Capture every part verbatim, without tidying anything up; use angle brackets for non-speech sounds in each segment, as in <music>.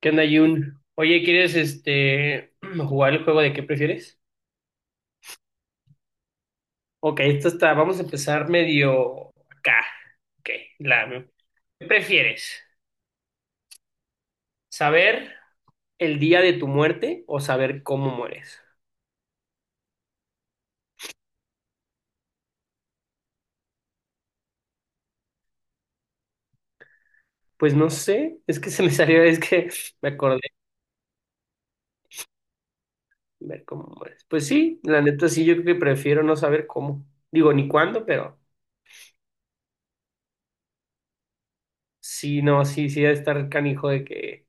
¿Qué onda, Jun? Oye, ¿quieres este <clears throat> jugar el juego de qué prefieres? Ok, esto está, vamos a empezar medio acá. Ok, la, ¿qué prefieres? ¿Saber el día de tu muerte o saber cómo mueres? Pues no sé, es que se me <laughs> salió, es que me acordé de ver cómo mueres. Pues sí, la neta sí, yo creo que prefiero no saber cómo. Digo, ni cuándo, pero sí, no, sí, sí, debe estar canijo de que,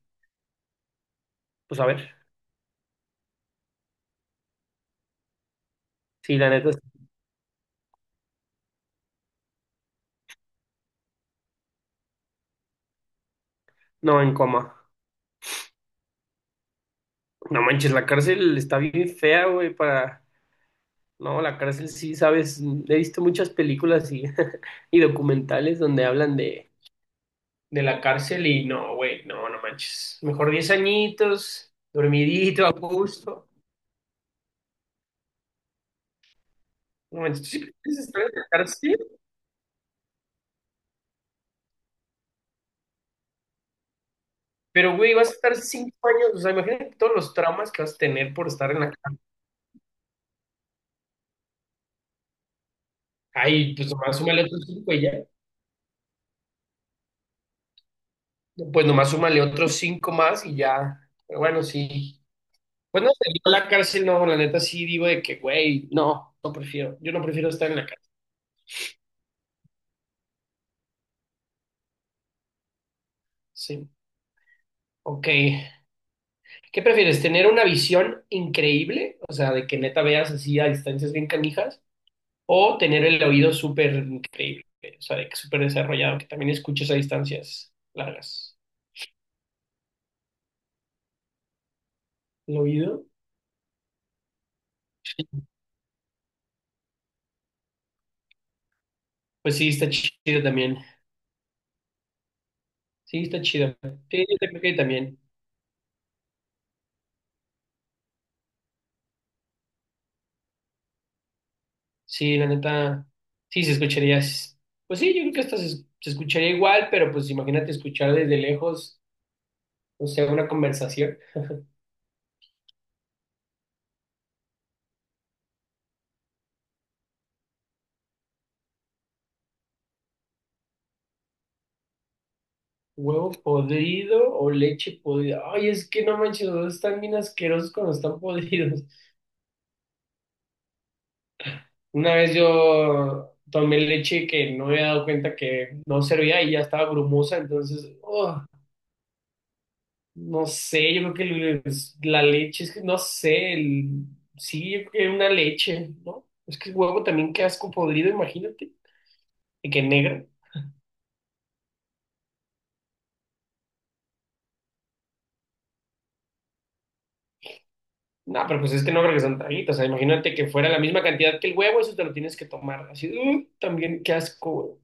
pues a ver, sí, la neta, no en coma. No manches, la cárcel está bien fea, güey, para. No, la cárcel sí, sabes, he visto muchas películas y, <laughs> y documentales donde hablan de, de la cárcel y no, güey, no, no manches. Mejor diez añitos, dormidito, a gusto. No manches, tú sí quieres estar en la cárcel, pero, güey, vas a estar cinco años. O sea, imagínate todos los traumas que vas a tener por estar en la cárcel. Ay, pues nomás súmale otros cinco y ya. Pues nomás súmale otros cinco más y ya. Pero bueno, sí. Pues no sé, yo la cárcel no, la neta sí digo de que, güey, no, no prefiero, yo no prefiero estar en la cárcel, sí. Ok, ¿qué prefieres? ¿Tener una visión increíble? O sea, de que neta veas así a distancias bien canijas, o tener el oído súper increíble, o sea, de que súper desarrollado, que también escuches a distancias largas. ¿El oído? Sí. Pues sí, está chido también. Sí, está chido. Sí, yo también creo que también. Sí, la neta, sí se escucharía. s- Pues sí, yo creo que hasta se, se escucharía igual, pero pues imagínate escuchar desde lejos, o sea, una conversación. Huevo podrido o leche podrida. Ay, es que no manches, los dos están bien asquerosos cuando están <laughs> podridos. Una vez yo tomé leche que no me había dado cuenta que no servía y ya estaba grumosa, entonces, ¡oh! No sé, yo creo que el- la leche, es que no sé, el- sí, yo creo que una leche, ¿no? Es que el huevo también qué asco podrido, imagínate, y que negro. No, pero pues es que no creo que son traguitos, o sea, imagínate que fuera la misma cantidad que el huevo, eso te lo tienes que tomar. Así, uh, también qué asco, güey.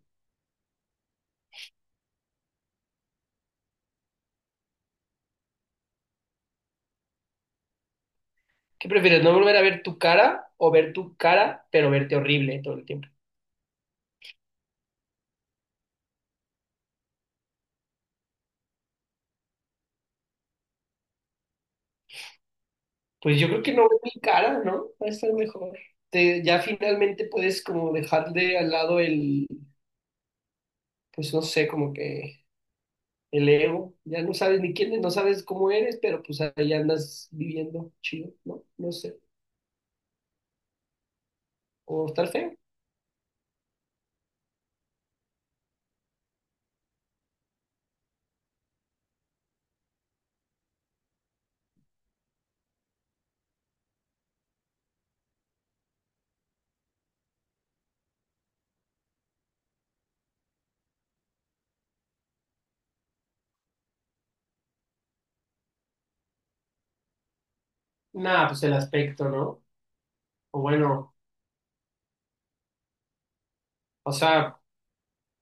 ¿Qué prefieres, no volver a ver tu cara o ver tu cara, pero verte horrible todo el tiempo? Pues yo creo que no ver mi cara, ¿no? Va a estar mejor. Te- ya finalmente puedes como dejar de al lado el, pues no sé, como que el ego, ya no sabes ni quién eres, no sabes cómo eres, pero pues ahí andas viviendo chido, ¿no? No sé, o estar feo. Nada, pues el aspecto, ¿no? O bueno, o sea,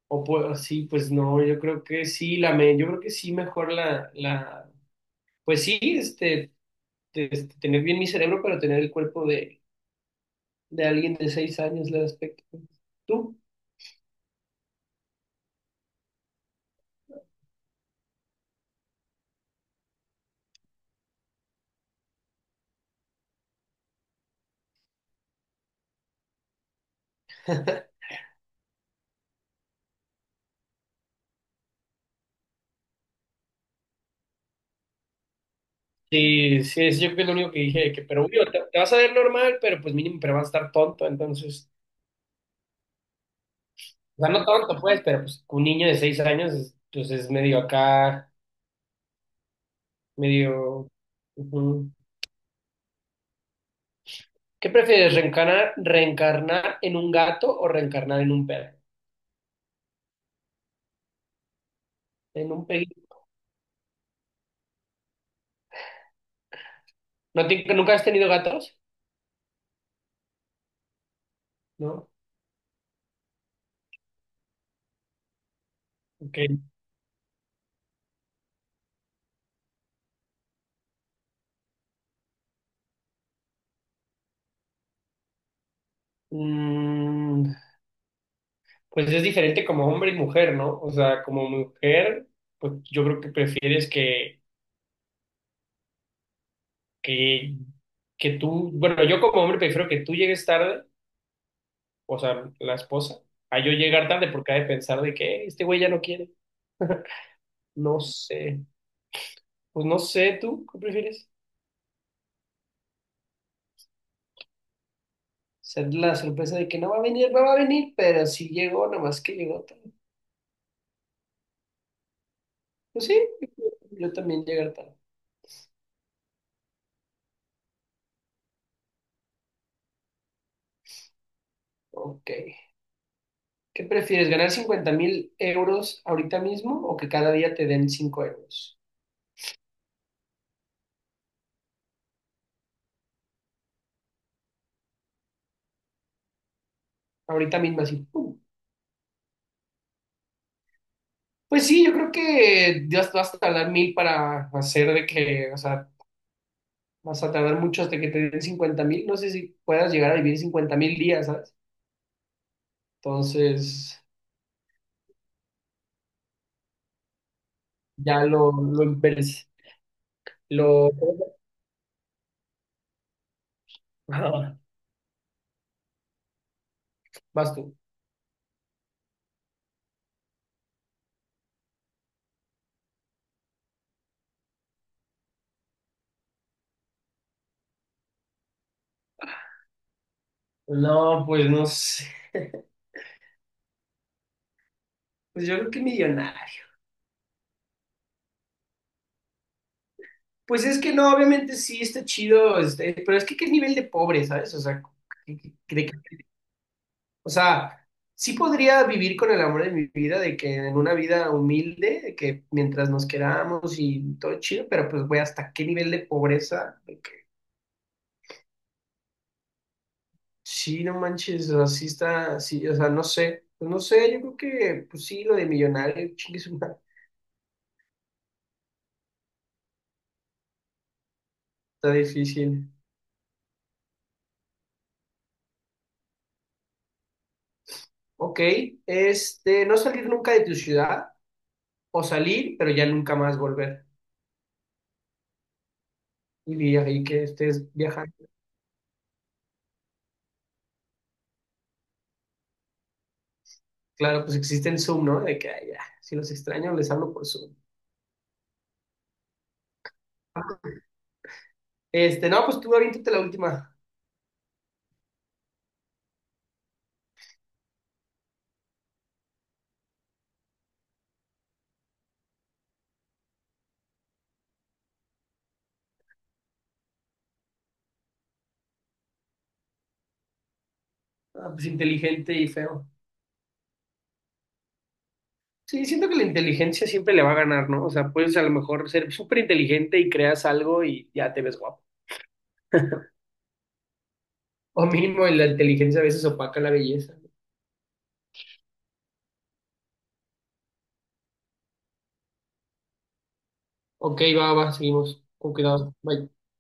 o pues, sí, pues no, yo creo que sí, la me, yo creo que sí mejor la, la, pues sí, este, este, tener bien mi cerebro, pero tener el cuerpo de, De alguien de seis años el aspecto. ¿Tú? Sí, sí, es, yo creo que es lo único que dije, que, pero obvio, te, te vas a ver normal, pero pues mínimo, pero vas a estar tonto, entonces. O sea, no tonto, pues, pero pues un niño de seis años, es- pues es medio acá, medio. Ujú. ¿Qué prefieres, reencarnar, reencarnar en un gato o reencarnar en un perro? En un perro. ¿No te- nunca has tenido gatos? ¿No? Ok. Mm, pues es diferente como hombre y mujer, ¿no? O sea, como mujer, pues yo creo que prefieres que, que, que tú, bueno, yo como hombre prefiero que tú llegues tarde, o sea, la esposa, a yo llegar tarde porque ha de pensar de que "Eh, este güey ya no quiere". <laughs> No sé, pues no sé, ¿tú qué prefieres? Ser la sorpresa de que no va a venir, no va a venir, pero si llegó, nada más que llegó tarde. Pues sí, yo también llegar tarde. Ok. ¿Qué prefieres, ganar cincuenta mil euros ahorita mismo o que cada día te den cinco euros? Ahorita mismo así. ¡Pum! Pues sí, yo creo que ya vas a tardar mil para hacer de que, o sea, vas a tardar mucho hasta que te den cincuenta mil. No sé si puedas llegar a vivir cincuenta mil días, ¿sabes? Entonces, ya lo, lo, emperes- lo... <laughs> Vas tú. No, pues no sé. <laughs> Pues yo creo que millonario. Pues es que no, obviamente sí está chido, este, pero es que qué nivel de pobre, ¿sabes? O sea, ¿qué- qué- de qué- o sea, sí podría vivir con el amor de mi vida, de que en una vida humilde, de que mientras nos queramos y todo chido, pero pues güey, ¿hasta qué nivel de pobreza? Sí, no manches, así está, sí, o sea, no sé, pues no sé, yo creo que, pues sí, lo de millonario, <laughs> chingue su madre, está difícil. Ok, este, no salir nunca de tu ciudad, o salir, pero ya nunca más volver. Y vi ahí que estés viajando. Claro, pues existe el Zoom, ¿no? De que, ay, ya, si los extraño, les hablo por Zoom. Ah, este, no, pues tú aviéntate la última. Ah, pues inteligente y feo. Sí, siento que la inteligencia siempre le va a ganar, ¿no? O sea, puedes a lo mejor ser súper inteligente y creas algo y ya te ves guapo. O mínimo la inteligencia a veces opaca la belleza. Ok, va, va, seguimos. Con cuidado. Bye.